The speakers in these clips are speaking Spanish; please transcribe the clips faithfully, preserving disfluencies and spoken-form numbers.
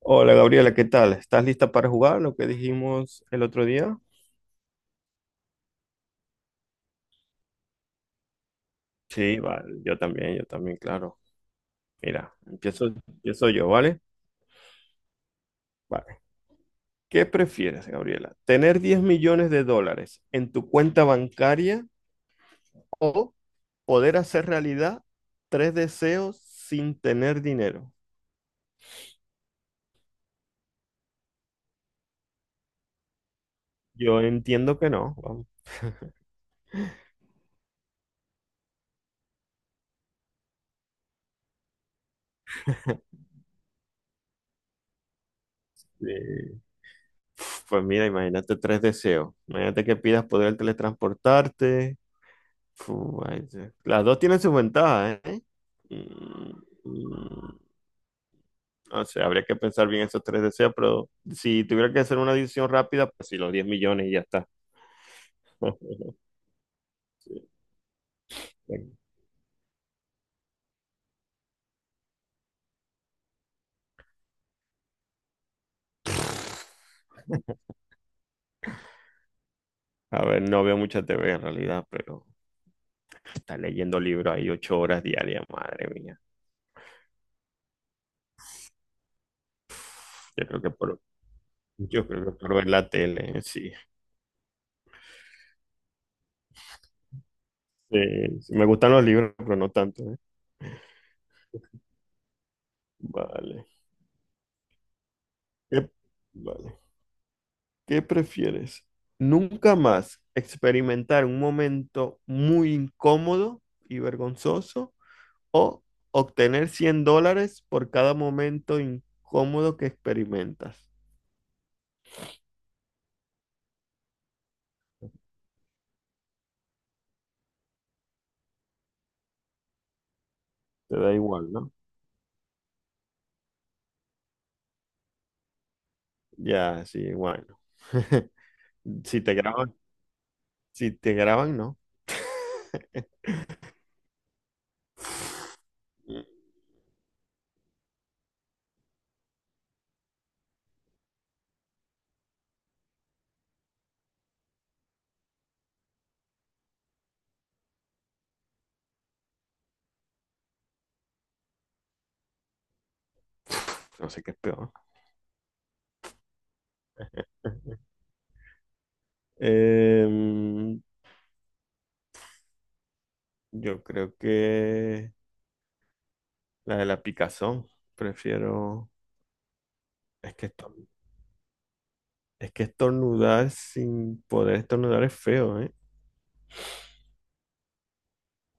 Hola Gabriela, ¿qué tal? ¿Estás lista para jugar lo que dijimos el otro día? Sí, vale, yo también, yo también, claro. Mira, empiezo, empiezo yo, ¿vale? Vale. ¿Qué prefieres, Gabriela? ¿Tener diez millones de dólares en tu cuenta bancaria o poder hacer realidad tres deseos sin tener dinero? Yo entiendo que no, vamos. Eh, Pues mira, imagínate tres deseos. Imagínate que pidas poder teletransportarte. Fu- ahí se- Las dos tienen sus ventajas, ¿eh? Mm, mm, No sé, habría que pensar bien esos tres deseos, pero si tuviera que hacer una decisión rápida, pues sí, los diez millones y ya está. A ver, no veo mucha T V en realidad, pero está leyendo libros ahí ocho horas diarias, madre mía. Yo creo que por, yo creo que por ver la tele, sí. Sí, sí, me gustan los libros, pero no tanto, ¿eh? Vale. Eh, Vale. ¿Qué prefieres? ¿Nunca más experimentar un momento muy incómodo y vergonzoso o obtener cien dólares por cada momento incómodo que experimentas? Te da igual, ¿no? Ya, sí, bueno. Si te graban, si te graban, no. No sé qué es peor. Em, yo creo que la de la picazón. Prefiero. Es que esto Es que estornudar sin poder estornudar es feo, ¿eh?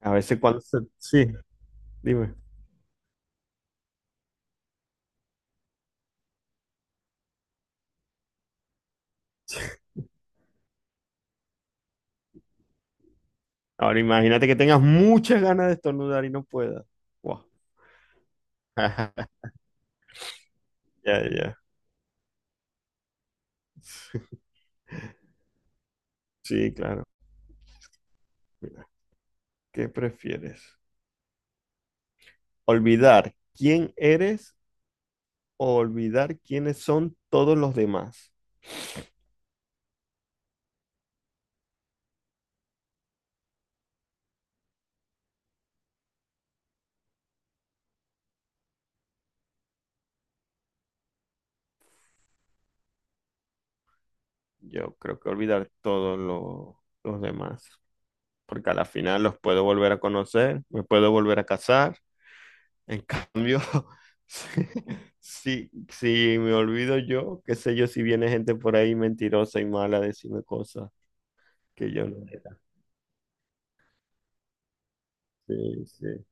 A veces cuando se... Sí, dime. Ahora imagínate que tengas muchas ganas de estornudar y no puedas. Guau. Ya, ya. Sí, claro. Mira, ¿qué prefieres? ¿Olvidar quién eres o olvidar quiénes son todos los demás? Yo creo que olvidar todos lo- los demás, porque a la final los puedo volver a conocer, me puedo volver a casar. En cambio, si, si, si me olvido yo, qué sé yo, si viene gente por ahí mentirosa y mala a decirme cosas que yo no era. Sí, sí.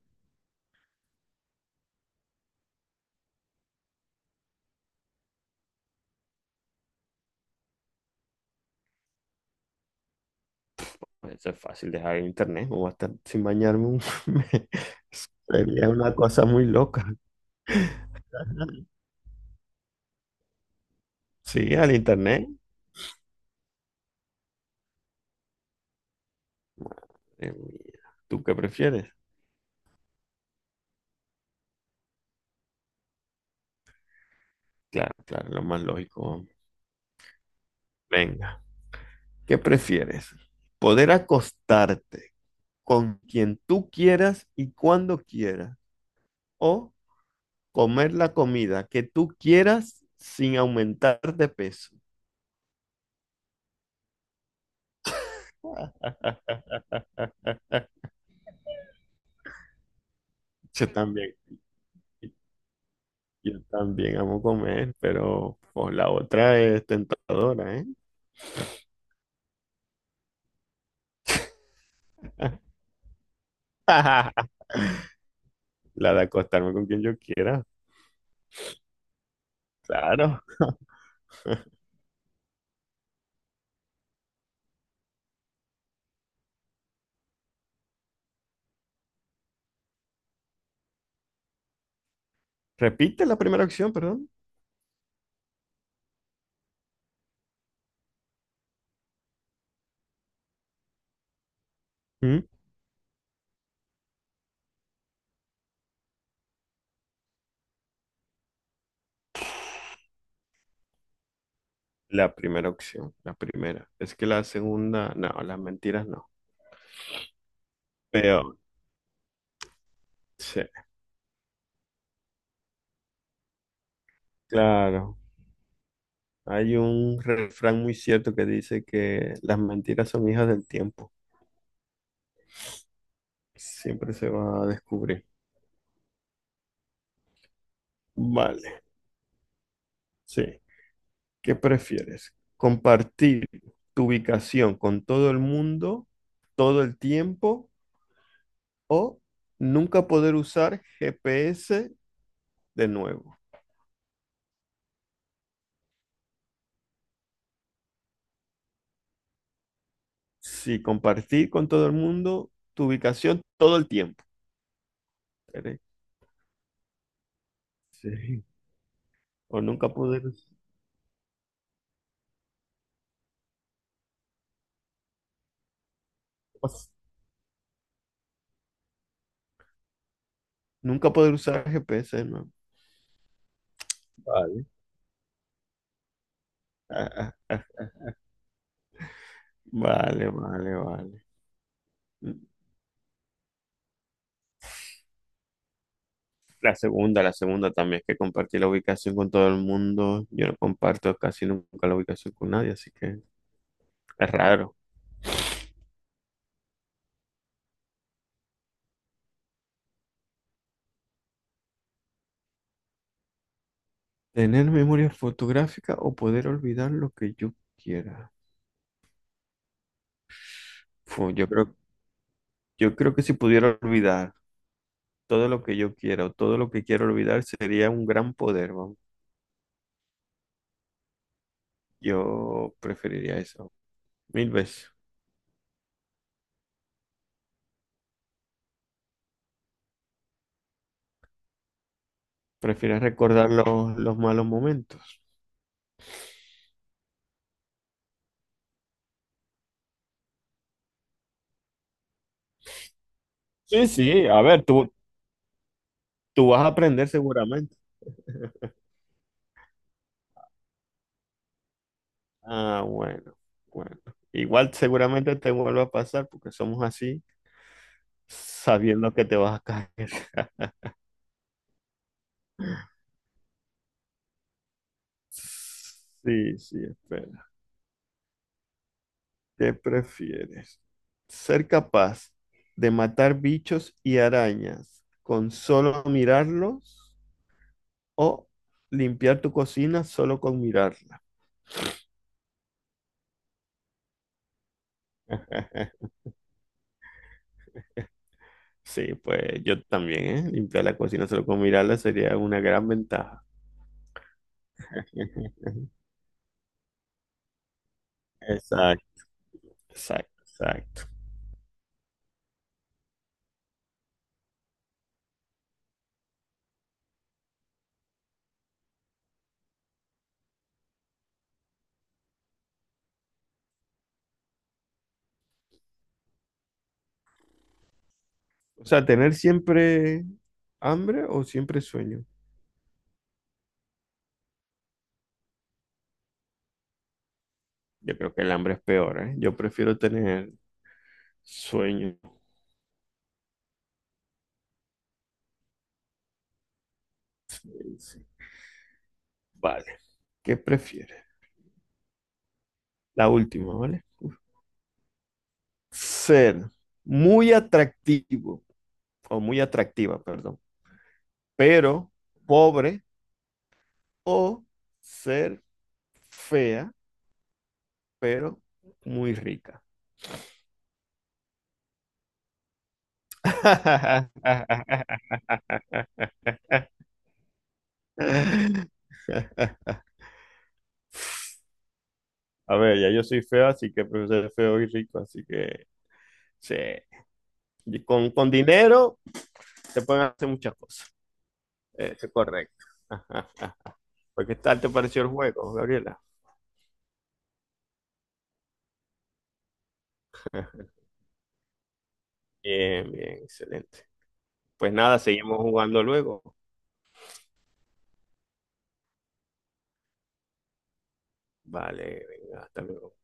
Eso es fácil, dejar el internet o hasta sin bañarme. un- Sería una cosa muy loca. Sí, al internet. Eh, mira, ¿tú qué prefieres? Claro, claro, lo más lógico. Venga, ¿qué prefieres? Poder acostarte con quien tú quieras y cuando quieras, o comer la comida que tú quieras sin aumentar de peso. Yo también, yo también amo comer, pero pues, la otra es tentadora, ¿eh? La de acostarme con quien yo quiera, claro. Repite la primera opción, perdón. ¿Mm? La primera opción, la primera. Es que la segunda, no, las mentiras no. Peor, sí, claro. Hay un refrán muy cierto que dice que las mentiras son hijas del tiempo. Siempre se va a descubrir. Vale, sí. ¿Qué prefieres? ¿Compartir tu ubicación con todo el mundo todo el tiempo o nunca poder usar G P S de nuevo? Sí, compartir con todo el mundo tu ubicación todo el tiempo, ¿vale? Sí. O nunca poder, us- us- nunca poder usar G P S de nuevo. Vale. Ah, vale, vale, vale. La segunda, la segunda también, que compartí la ubicación con todo el mundo. Yo no comparto casi nunca la ubicación con nadie, así que es raro. ¿Tener memoria fotográfica o poder olvidar lo que yo quiera? Fu, yo creo, yo creo que si pudiera olvidar todo lo que yo quiera o todo lo que quiero olvidar sería un gran poder, vamos. Yo preferiría eso, mil veces. Prefiero recordar los, los malos momentos. Sí, sí, a ver, tú, tú vas a aprender seguramente. Ah, bueno, bueno. Igual seguramente te vuelva a pasar porque somos así, sabiendo que te vas a caer. Sí, sí, espera. ¿Qué prefieres? ¿Ser capaz de matar bichos y arañas con solo mirarlos o limpiar tu cocina solo con mirarla? Sí, pues yo también, ¿eh? Limpiar la cocina solo con mirarla sería una gran ventaja. Exacto, exacto, exacto. O sea, tener siempre hambre o siempre sueño. Yo creo que el hambre es peor, ¿eh? Yo prefiero tener sueño. Sí, sí. Vale. ¿Qué prefieres? La última, ¿vale? Uf. Ser muy atractivo o muy atractiva, perdón, pero pobre, o ser fea, pero muy rica. A ver, ya yo soy feo, así que prefiero ser feo y rico, así que sí. Y Con, con dinero se pueden hacer muchas cosas. Eso es correcto. Ajá. Pues, ¿qué tal te pareció el juego, Gabriela? Bien, bien, excelente. Pues nada, seguimos jugando luego. Vale, venga, hasta luego.